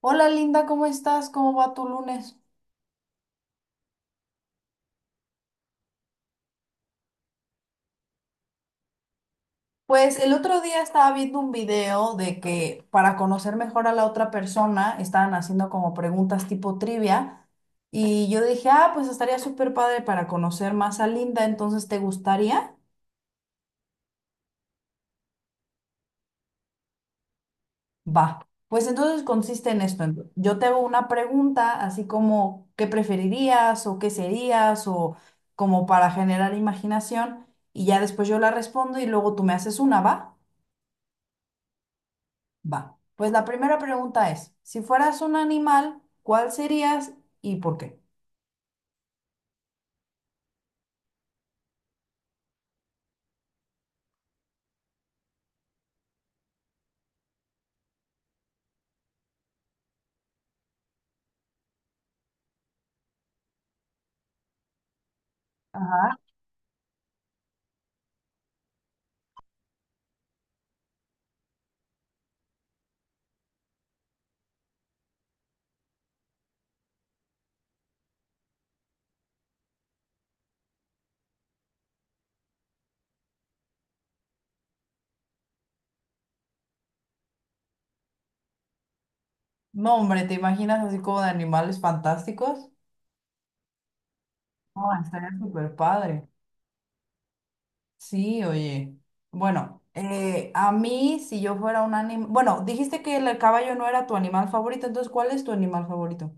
Hola Linda, ¿cómo estás? ¿Cómo va tu lunes? Pues el otro día estaba viendo un video de que para conocer mejor a la otra persona estaban haciendo como preguntas tipo trivia y yo dije, ah, pues estaría súper padre para conocer más a Linda, entonces ¿te gustaría? Va. Pues entonces consiste en esto. Yo te hago una pregunta así como ¿qué preferirías o qué serías o como para generar imaginación, y ya después yo la respondo y luego tú me haces una, ¿va? Va. Pues la primera pregunta es, si fueras un animal, ¿cuál serías y por qué? Ajá. No, hombre, ¿te imaginas así como de animales fantásticos? Oh, estaría súper padre. Sí, oye. Bueno, a mí, si yo fuera un animal... Bueno, dijiste que el caballo no era tu animal favorito, entonces, ¿cuál es tu animal favorito?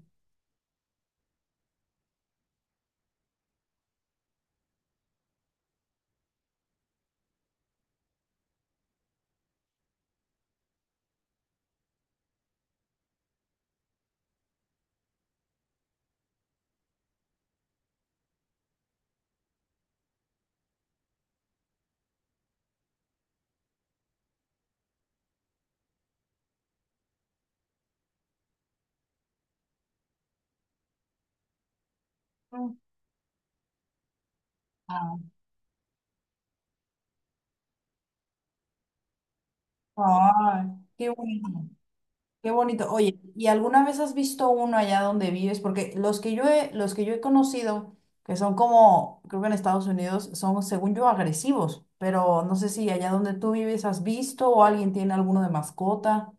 Mm. Ah, ay, qué bonito. Qué bonito. Oye, ¿y alguna vez has visto uno allá donde vives? Porque los que yo he conocido, que son como, creo que en Estados Unidos, son, según yo, agresivos. Pero no sé si allá donde tú vives has visto o alguien tiene alguno de mascota.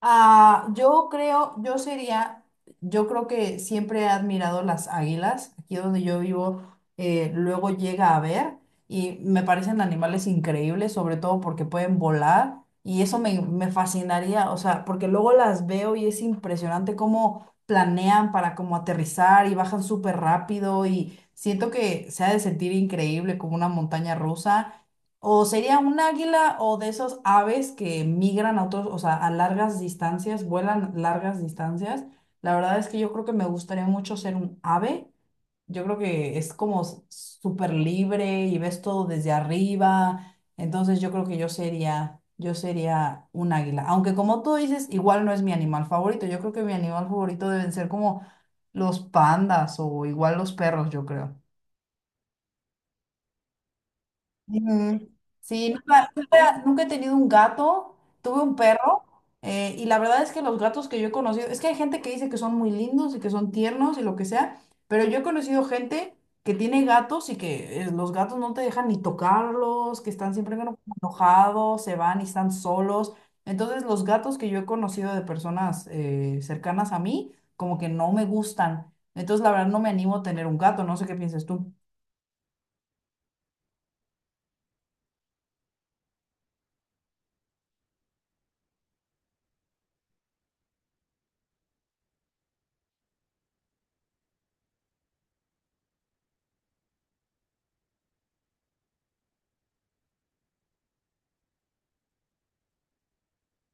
Ah, yo sería, yo creo que siempre he admirado las águilas. Aquí donde yo vivo, luego llega a ver y me parecen animales increíbles, sobre todo porque pueden volar y eso me fascinaría, o sea, porque luego las veo y es impresionante cómo planean para como aterrizar y bajan súper rápido y siento que se ha de sentir increíble como una montaña rusa. O sería un águila o de esos aves que migran a otros, o sea, a largas distancias, vuelan largas distancias. La verdad es que yo creo que me gustaría mucho ser un ave. Yo creo que es como súper libre y ves todo desde arriba. Entonces yo creo que yo sería un águila. Aunque como tú dices, igual no es mi animal favorito. Yo creo que mi animal favorito deben ser como los pandas o igual los perros, yo creo. Ujú. Sí, nunca he tenido un gato, tuve un perro. Eh, y la verdad es que los gatos que yo he conocido, es que hay gente que dice que son muy lindos y que son tiernos y lo que sea, pero yo he conocido gente que tiene gatos y que los gatos no te dejan ni tocarlos, que están siempre como enojados, se van y están solos. Entonces los gatos que yo he conocido de personas cercanas a mí, como que no me gustan. Entonces la verdad no me animo a tener un gato, no sé qué piensas tú.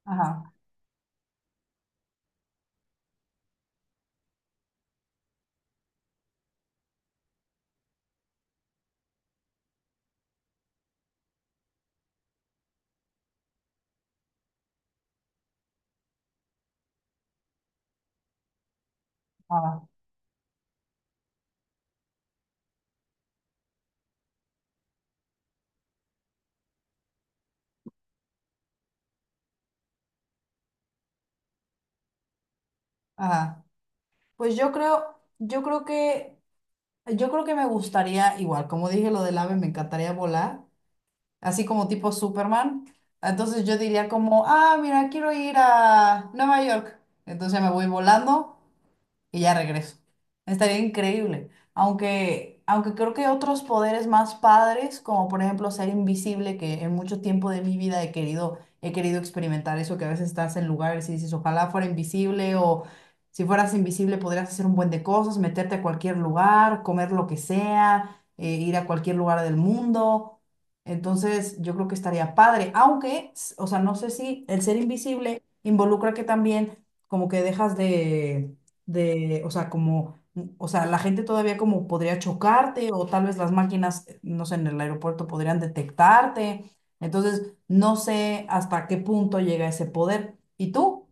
Ajá, ajá, ajá. Pues yo creo que me gustaría, igual, como dije lo del ave, me encantaría volar, así como tipo Superman. Entonces yo diría como, ah, mira, quiero ir a Nueva York. Entonces me voy volando y ya regreso. Estaría increíble. Aunque creo que hay otros poderes más padres, como por ejemplo ser invisible, que en mucho tiempo de mi vida he querido experimentar eso, que a veces estás en lugares y dices, ojalá fuera invisible, o si fueras invisible podrías hacer un buen de cosas, meterte a cualquier lugar, comer lo que sea, ir a cualquier lugar del mundo. Entonces, yo creo que estaría padre, aunque, o sea, no sé si el ser invisible involucra que también como que o sea, como, o sea, la gente todavía como podría chocarte o tal vez las máquinas, no sé, en el aeropuerto podrían detectarte. Entonces, no sé hasta qué punto llega ese poder. ¿Y tú?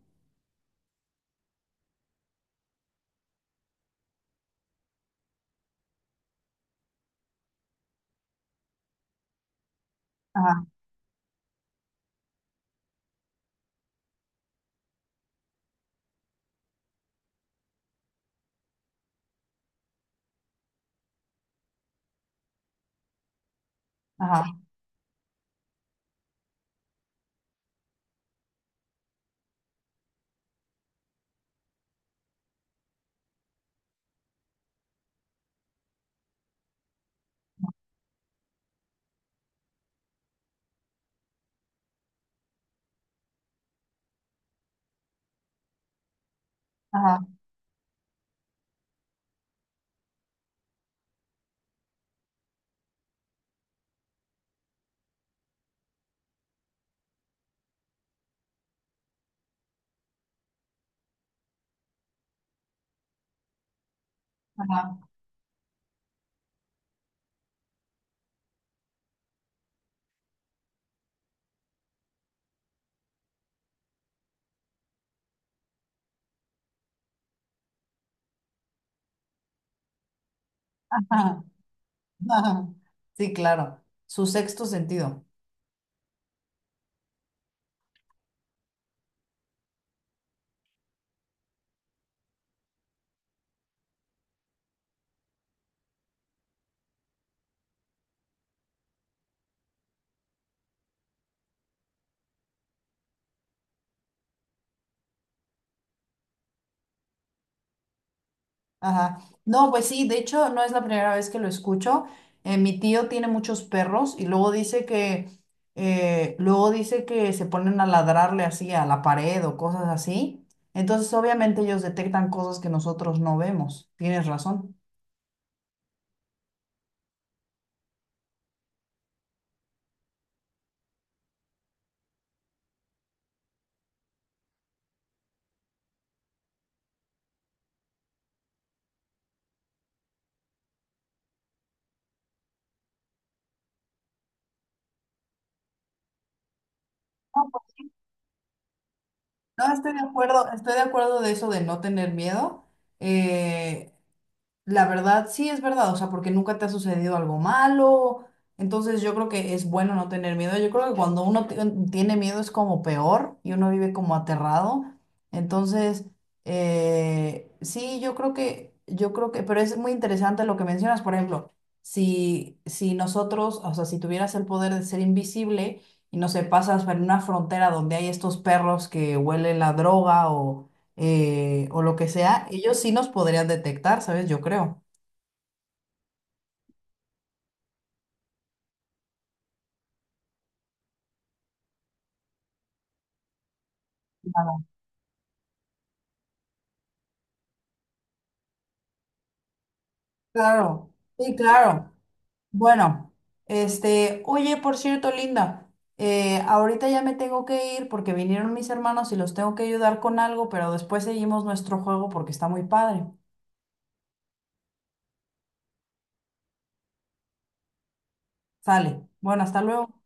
Ajá, ajá, ajá, ajá, ajá, ajá. Sí, claro. Su sexto sentido. Ajá. No, pues sí, de hecho no es la primera vez que lo escucho. Mi tío tiene muchos perros y luego dice que se ponen a ladrarle así a la pared o cosas así. Entonces, obviamente ellos detectan cosas que nosotros no vemos. Tienes razón. No, estoy de acuerdo de eso de no tener miedo. Eh, La verdad, sí es verdad, o sea, porque nunca te ha sucedido algo malo, entonces yo creo que es bueno no tener miedo. Yo creo que cuando tiene miedo es como peor y uno vive como aterrado. Entonces, sí, pero es muy interesante lo que mencionas, por ejemplo, si nosotros, o sea, si tuvieras el poder de ser invisible y no sé, pasas por una frontera donde hay estos perros que huelen la droga, o lo que sea, ellos sí nos podrían detectar, ¿sabes? Yo creo. Claro. Claro, sí, claro. Bueno, este, oye, por cierto, Linda, ahorita ya me tengo que ir porque vinieron mis hermanos y los tengo que ayudar con algo, pero después seguimos nuestro juego porque está muy padre. Sale. Bueno, hasta luego.